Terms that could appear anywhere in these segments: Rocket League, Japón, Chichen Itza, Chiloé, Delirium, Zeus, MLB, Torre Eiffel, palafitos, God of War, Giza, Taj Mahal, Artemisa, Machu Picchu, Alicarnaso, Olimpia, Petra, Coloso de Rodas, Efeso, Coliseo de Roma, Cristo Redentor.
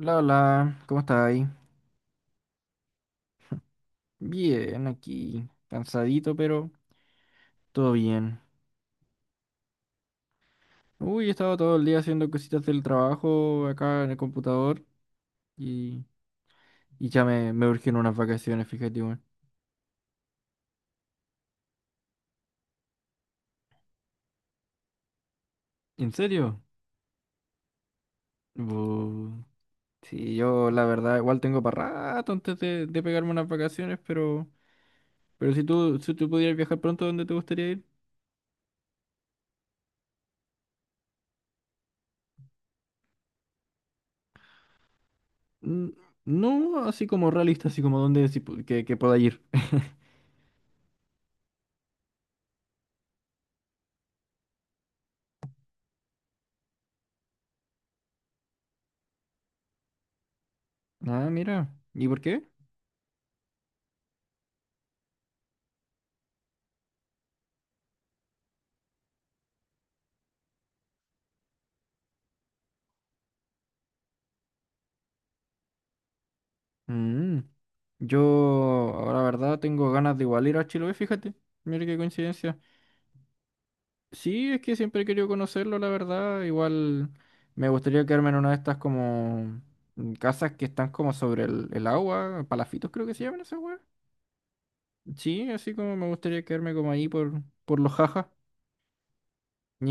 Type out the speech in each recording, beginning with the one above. Hola, hola, ¿cómo estáis? Bien, aquí, cansadito, pero todo bien. Uy, he estado todo el día haciendo cositas del trabajo acá en el computador y, y ya me urgen unas vacaciones, fíjate, weón. ¿En serio? Bu- sí, yo la verdad igual tengo para rato antes de pegarme unas vacaciones, pero si tú pudieras viajar pronto, ¿dónde te gustaría ir? Mm. No así como realista, así como dónde sí que pueda ir. Ah, mira, ¿y por qué? Mm. Yo, ahora, la verdad, tengo ganas de igual ir a Chiloé, fíjate. Mira qué coincidencia. Sí, es que siempre he querido conocerlo, la verdad. Igual me gustaría quedarme en una de estas como casas que están como sobre el agua, palafitos creo que se llaman esas weas. Sí, así como me gustaría quedarme como ahí por los jajas. Y,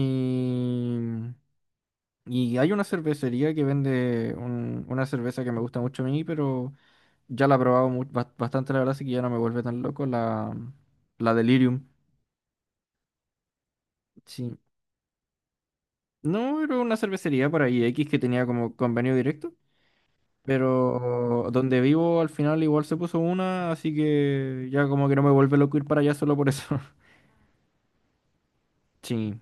y hay una cervecería que vende una cerveza que me gusta mucho a mí, pero ya la he probado bastante, la verdad, así que ya no me vuelve tan loco la Delirium. Sí. No, era una cervecería por ahí X que tenía como convenio directo, pero donde vivo al final igual se puso una, así que ya como que no me vuelve loco ir para allá solo por eso. Sí,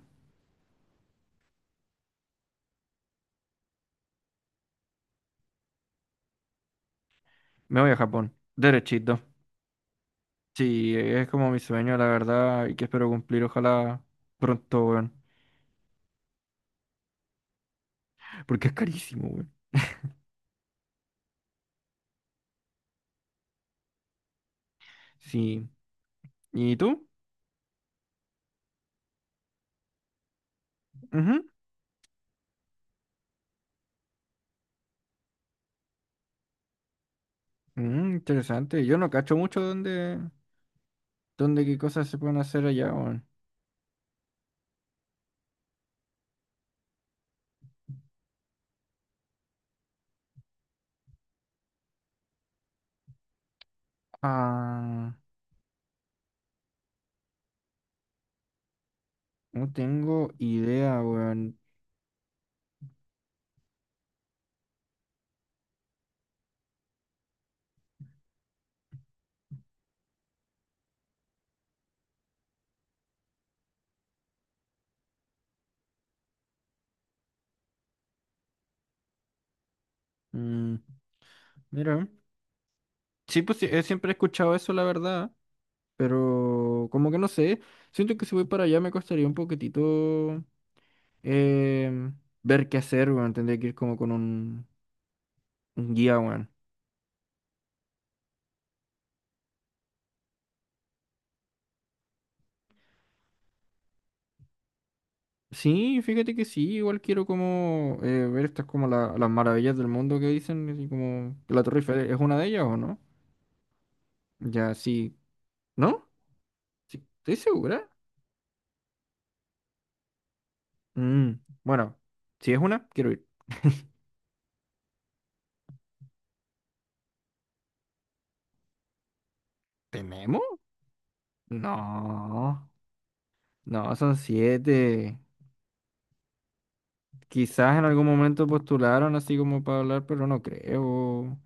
me voy a Japón, derechito. Sí, es como mi sueño, la verdad, y que espero cumplir, ojalá pronto, weón. Porque es carísimo, weón. Sí. ¿Y tú? Ujú. Mm, interesante. Yo no cacho mucho dónde qué cosas se pueden hacer allá, weón. Ah, no tengo idea, weón. Mm, mira, sí, pues sí, siempre he escuchado eso, la verdad, pero como que no sé, siento que si voy para allá me costaría un poquitito em, ver qué hacer, weón, tendría que ir como con un guía, weón. Sí, fíjate que sí, igual quiero como ver estas como las maravillas del mundo que dicen, así como que la Torre Eiffel es una de ellas o no. Ya, sí, ¿no? Sí, ¿estoy segura? Mm, bueno, si es una, quiero ir. ¿Tenemos? No. No, son siete. Quizás en algún momento postularon así como para hablar, pero no creo.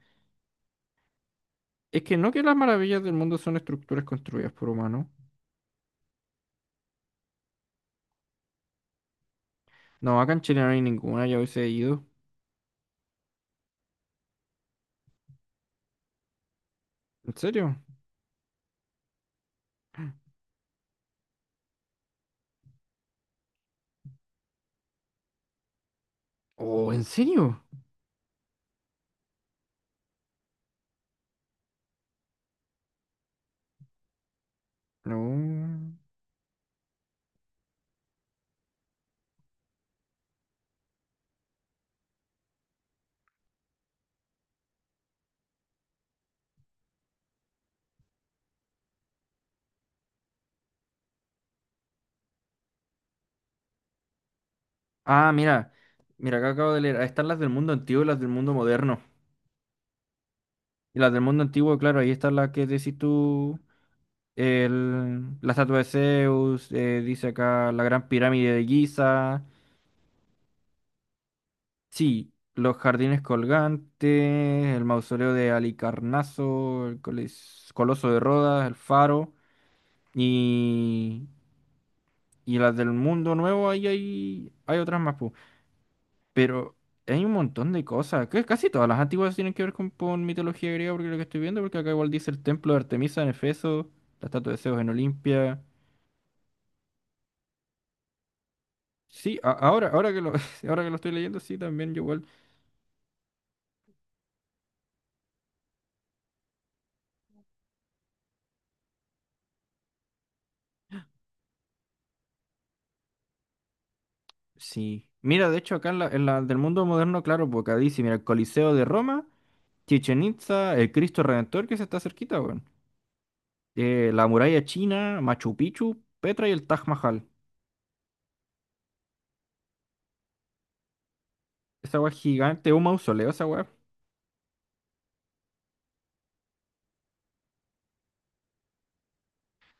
Es que no que las maravillas del mundo son estructuras construidas por humanos. No, acá en Chile no hay ninguna, ya hubiese ido. ¿En serio? Oh, ¿en serio? No. Ah, mira. Mira, acá acabo de leer. Ahí están las del mundo antiguo y las del mundo moderno. Y las del mundo antiguo, claro, ahí está la que decís tú. La estatua de Zeus, dice acá la gran pirámide de Giza. Sí, los jardines colgantes, el mausoleo de Alicarnaso, el Coloso de Rodas, el Faro y, y las del Mundo Nuevo, ahí hay otras más, pu. Pero hay un montón de cosas, que casi todas las antiguas tienen que ver con mitología griega, porque lo que estoy viendo, porque acá igual dice el templo de Artemisa en Efeso, la estatua de Zeus en Olimpia. Sí, ahora que lo, ahora que lo estoy leyendo, sí, también yo igual. Sí. Mira, de hecho, acá en la del mundo moderno, claro, porque acá dice, mira, el Coliseo de Roma, Chichen Itza, el Cristo Redentor, que se está cerquita, weón. La muralla china, Machu Picchu, Petra y el Taj Mahal. Esa weá es gigante, un mausoleo, esa weá.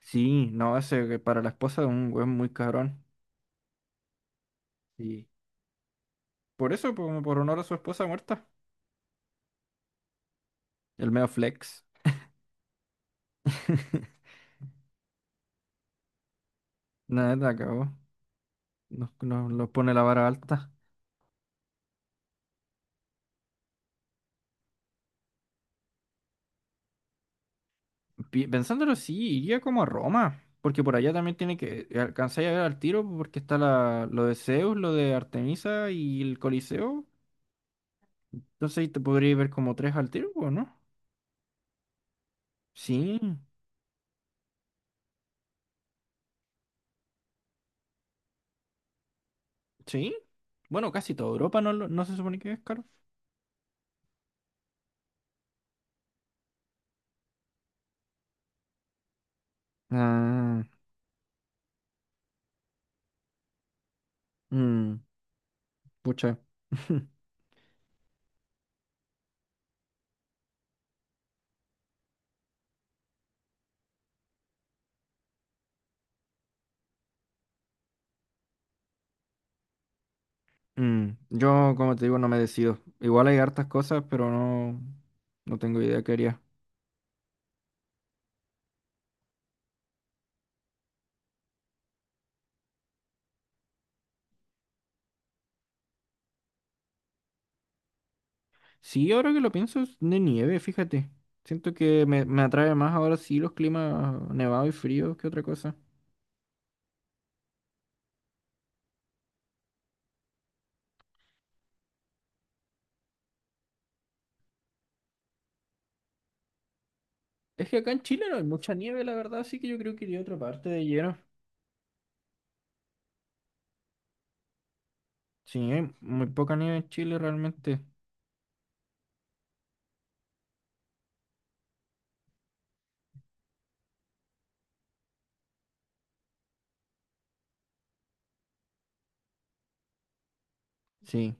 Sí, no, ese que para la esposa de un weón muy cabrón. Sí. Por eso, como por honor a su esposa muerta. El medio flex. Nada, acabó. Nos pone la vara alta. Pensándolo, sí, iría como a Roma, porque por allá también tiene que alcanzar a ver al tiro, porque está lo de Zeus, lo de Artemisa y el Coliseo. Entonces ahí te podría ver como tres al tiro, ¿o no? Sí, sí. Bueno, casi toda Europa no, no se supone que es caro. Ah, mm, pucha. Yo, como te digo, no me decido. Igual hay hartas cosas, pero no tengo idea qué haría. Sí, ahora que lo pienso, es de nieve, fíjate. Siento que me atrae más ahora sí los climas nevados y fríos que otra cosa. Es que acá en Chile no hay mucha nieve, la verdad, así que yo creo que iría a otra parte de lleno. Sí, hay muy poca nieve en Chile realmente. Sí,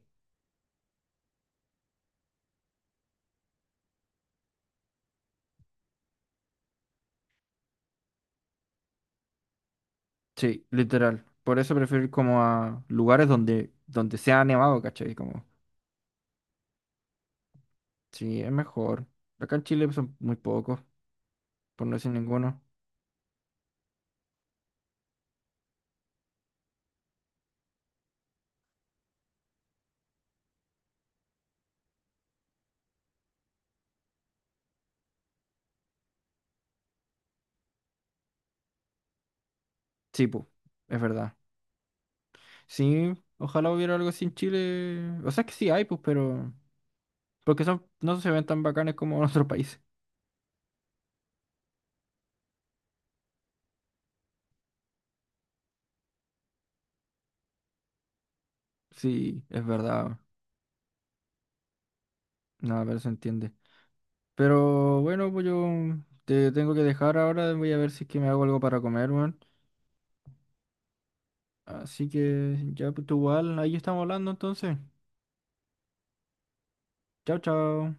sí, literal. Por eso prefiero ir como a lugares donde sea nevado, ¿cachai? Como, sí, es mejor. Acá en Chile son muy pocos, por no decir ninguno. Sí, pues, es verdad. Sí, ojalá hubiera algo así en Chile. O sea, es que sí hay, pues, pero... Porque son, no se ven tan bacanes como en otros países. Sí, es verdad. Nada, pero se entiende. Pero bueno, pues yo te tengo que dejar ahora. Voy a ver si es que me hago algo para comer, weón. Así que ya, pues tú igual, ahí estamos hablando entonces. Chao, chao.